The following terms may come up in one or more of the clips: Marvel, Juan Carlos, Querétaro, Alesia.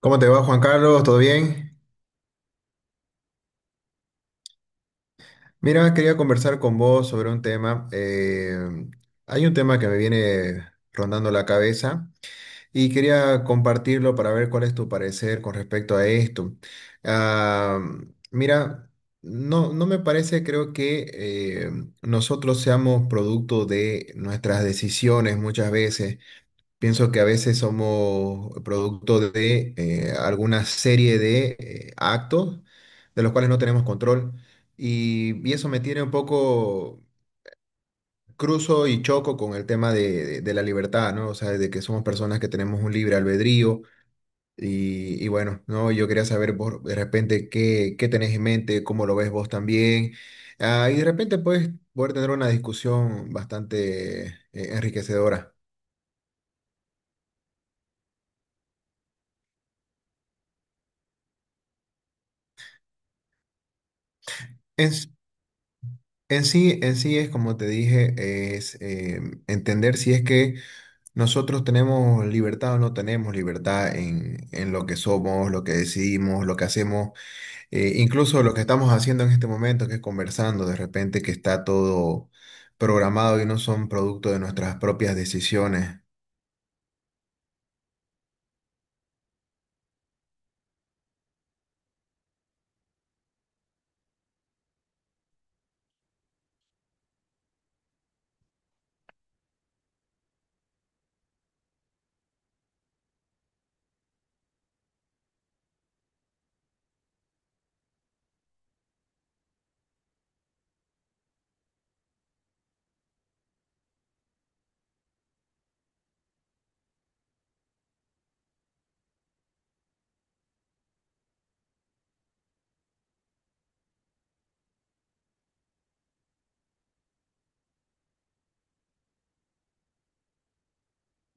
¿Cómo te va, Juan Carlos? ¿Todo bien? Mira, quería conversar con vos sobre un tema. Hay un tema que me viene rondando la cabeza y quería compartirlo para ver cuál es tu parecer con respecto a esto. Ah, Mira, no, no me parece, creo que eh, nosotros seamos producto de nuestras decisiones muchas veces. Pienso que a veces somos producto de alguna serie de actos de los cuales no tenemos control y eso me tiene un poco cruzo y choco con el tema de la libertad, ¿no? O sea, de que somos personas que tenemos un libre albedrío y bueno, ¿no? Yo quería saber vos de repente qué tenés en mente, cómo lo ves vos también. Ah, y de repente puedes poder tener una discusión bastante enriquecedora. En sí es como te dije, es entender si es que nosotros tenemos libertad o no tenemos libertad en lo que somos, lo que decidimos, lo que hacemos, incluso lo que estamos haciendo en este momento, que es conversando de repente, que está todo programado y no son producto de nuestras propias decisiones.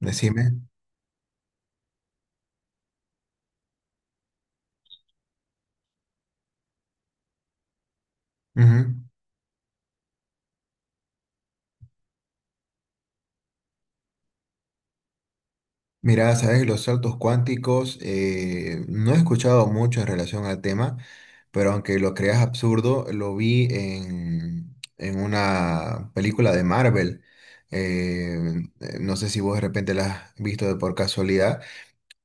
Decime. Mira, sabes, los saltos cuánticos, no he escuchado mucho en relación al tema, pero aunque lo creas absurdo, lo vi en una película de Marvel. Eh, no sé si vos de repente la has visto de por casualidad,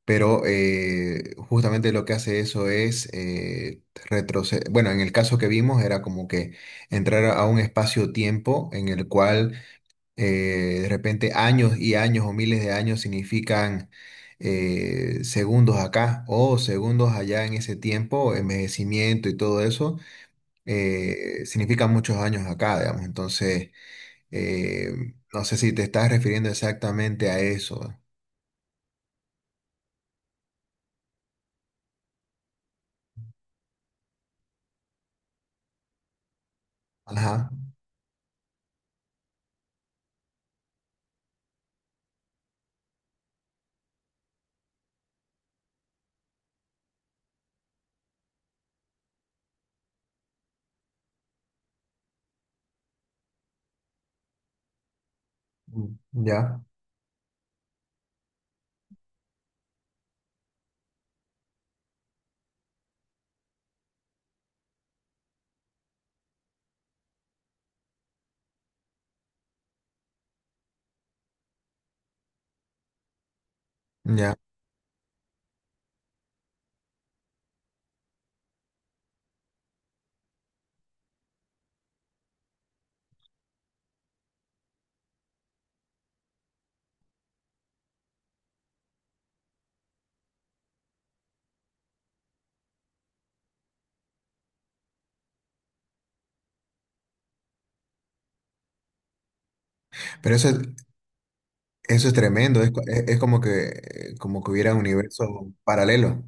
pero justamente lo que hace eso es retroceder. Bueno, en el caso que vimos era como que entrar a un espacio-tiempo en el cual de repente años y años o miles de años significan segundos acá o segundos allá en ese tiempo, envejecimiento y todo eso, significan muchos años acá, digamos. Entonces, eh, no sé si te estás refiriendo exactamente a eso. Ajá, ya, ya. Pero eso es tremendo, es, es como que hubiera un universo paralelo.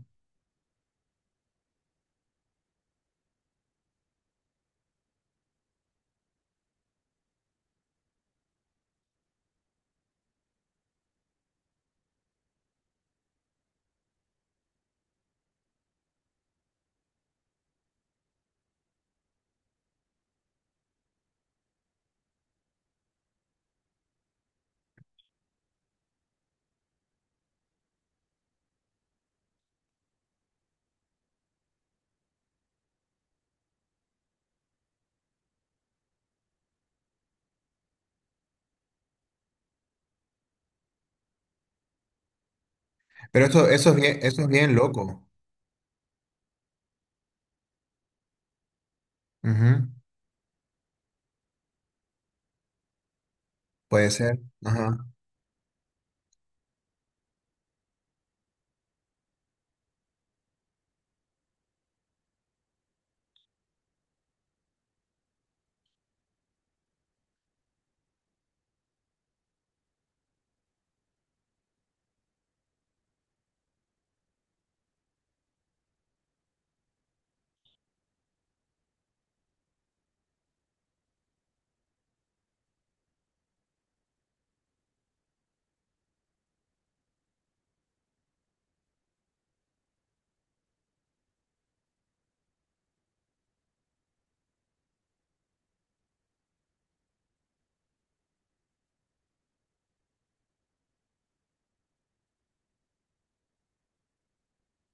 Pero eso, eso es bien loco. Ujú. Puede ser. Ajá.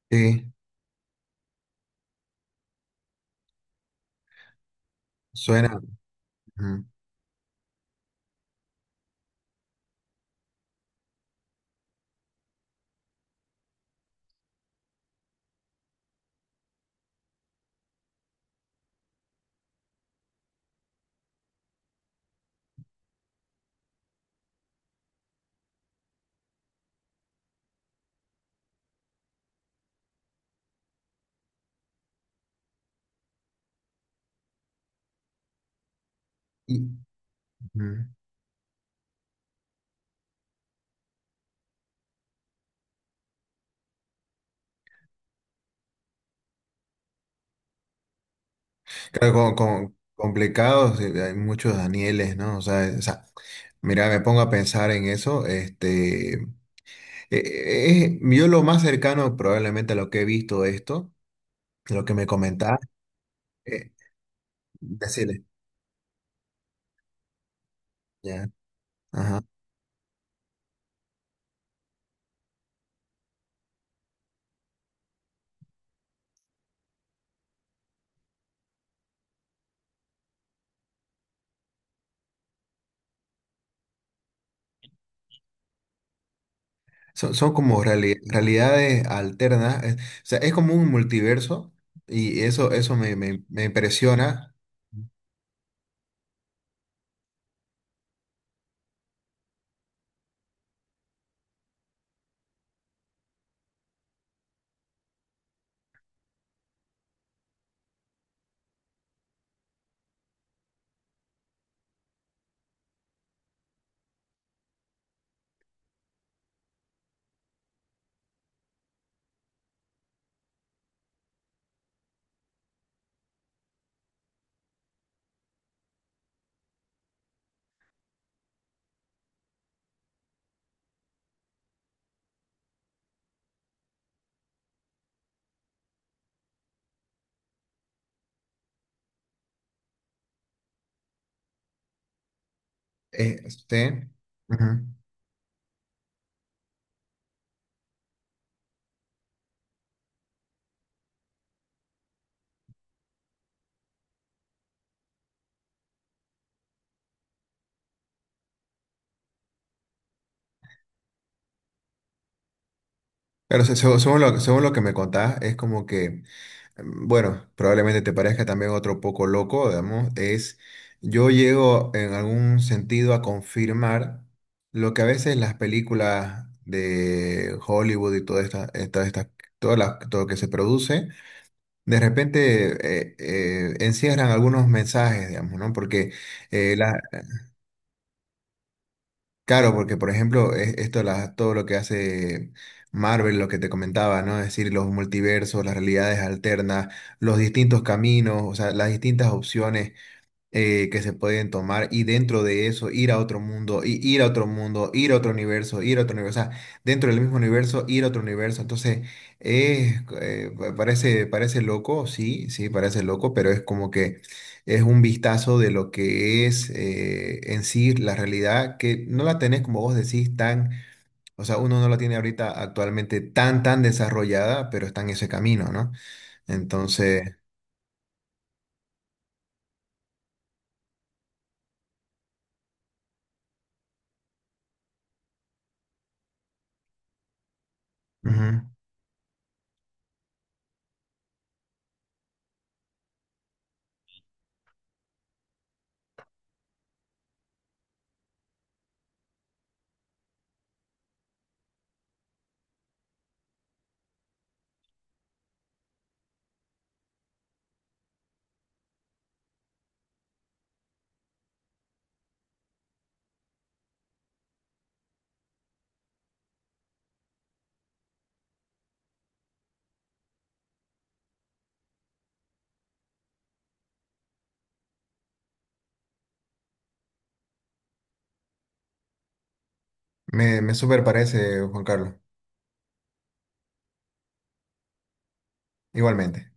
Sí. Suena. Ujú. Y- ujú. Claro, complicados, hay muchos Danieles, ¿no? O sea, mira, me pongo a pensar en eso. Yo lo más cercano probablemente a lo que he visto esto, de lo que me comentás, eh, decirle, ya, ajá. Son, son como realidades alternas. O sea, es como un multiverso y eso me, me impresiona. Este, claro, según, según lo que me contás, es como que, mm, bueno, probablemente te parezca también otro poco loco, digamos, es yo llego en algún sentido a confirmar lo que a veces las películas de Hollywood y todas todo lo que se produce, de repente encierran algunos mensajes, digamos, ¿no? Porque eh, la- Claro, porque por ejemplo, todo lo que hace Marvel, lo que te comentaba, ¿no? Es decir, los multiversos, las realidades alternas, los distintos caminos, o sea, las distintas opciones que se pueden tomar y dentro de eso ir a otro mundo, y ir a otro mundo, ir a otro universo, ir a otro universo, o sea, dentro del mismo universo, ir a otro universo. Entonces, parece, parece loco, sí, sí, parece loco, pero es como que es un vistazo de lo que es en sí la realidad, que no la tenés, como vos decís, tan, o sea, uno no la tiene ahorita actualmente tan, tan desarrollada, pero está en ese camino, ¿no? Entonces, ujú. Me súper parece, Juan Carlos. Igualmente.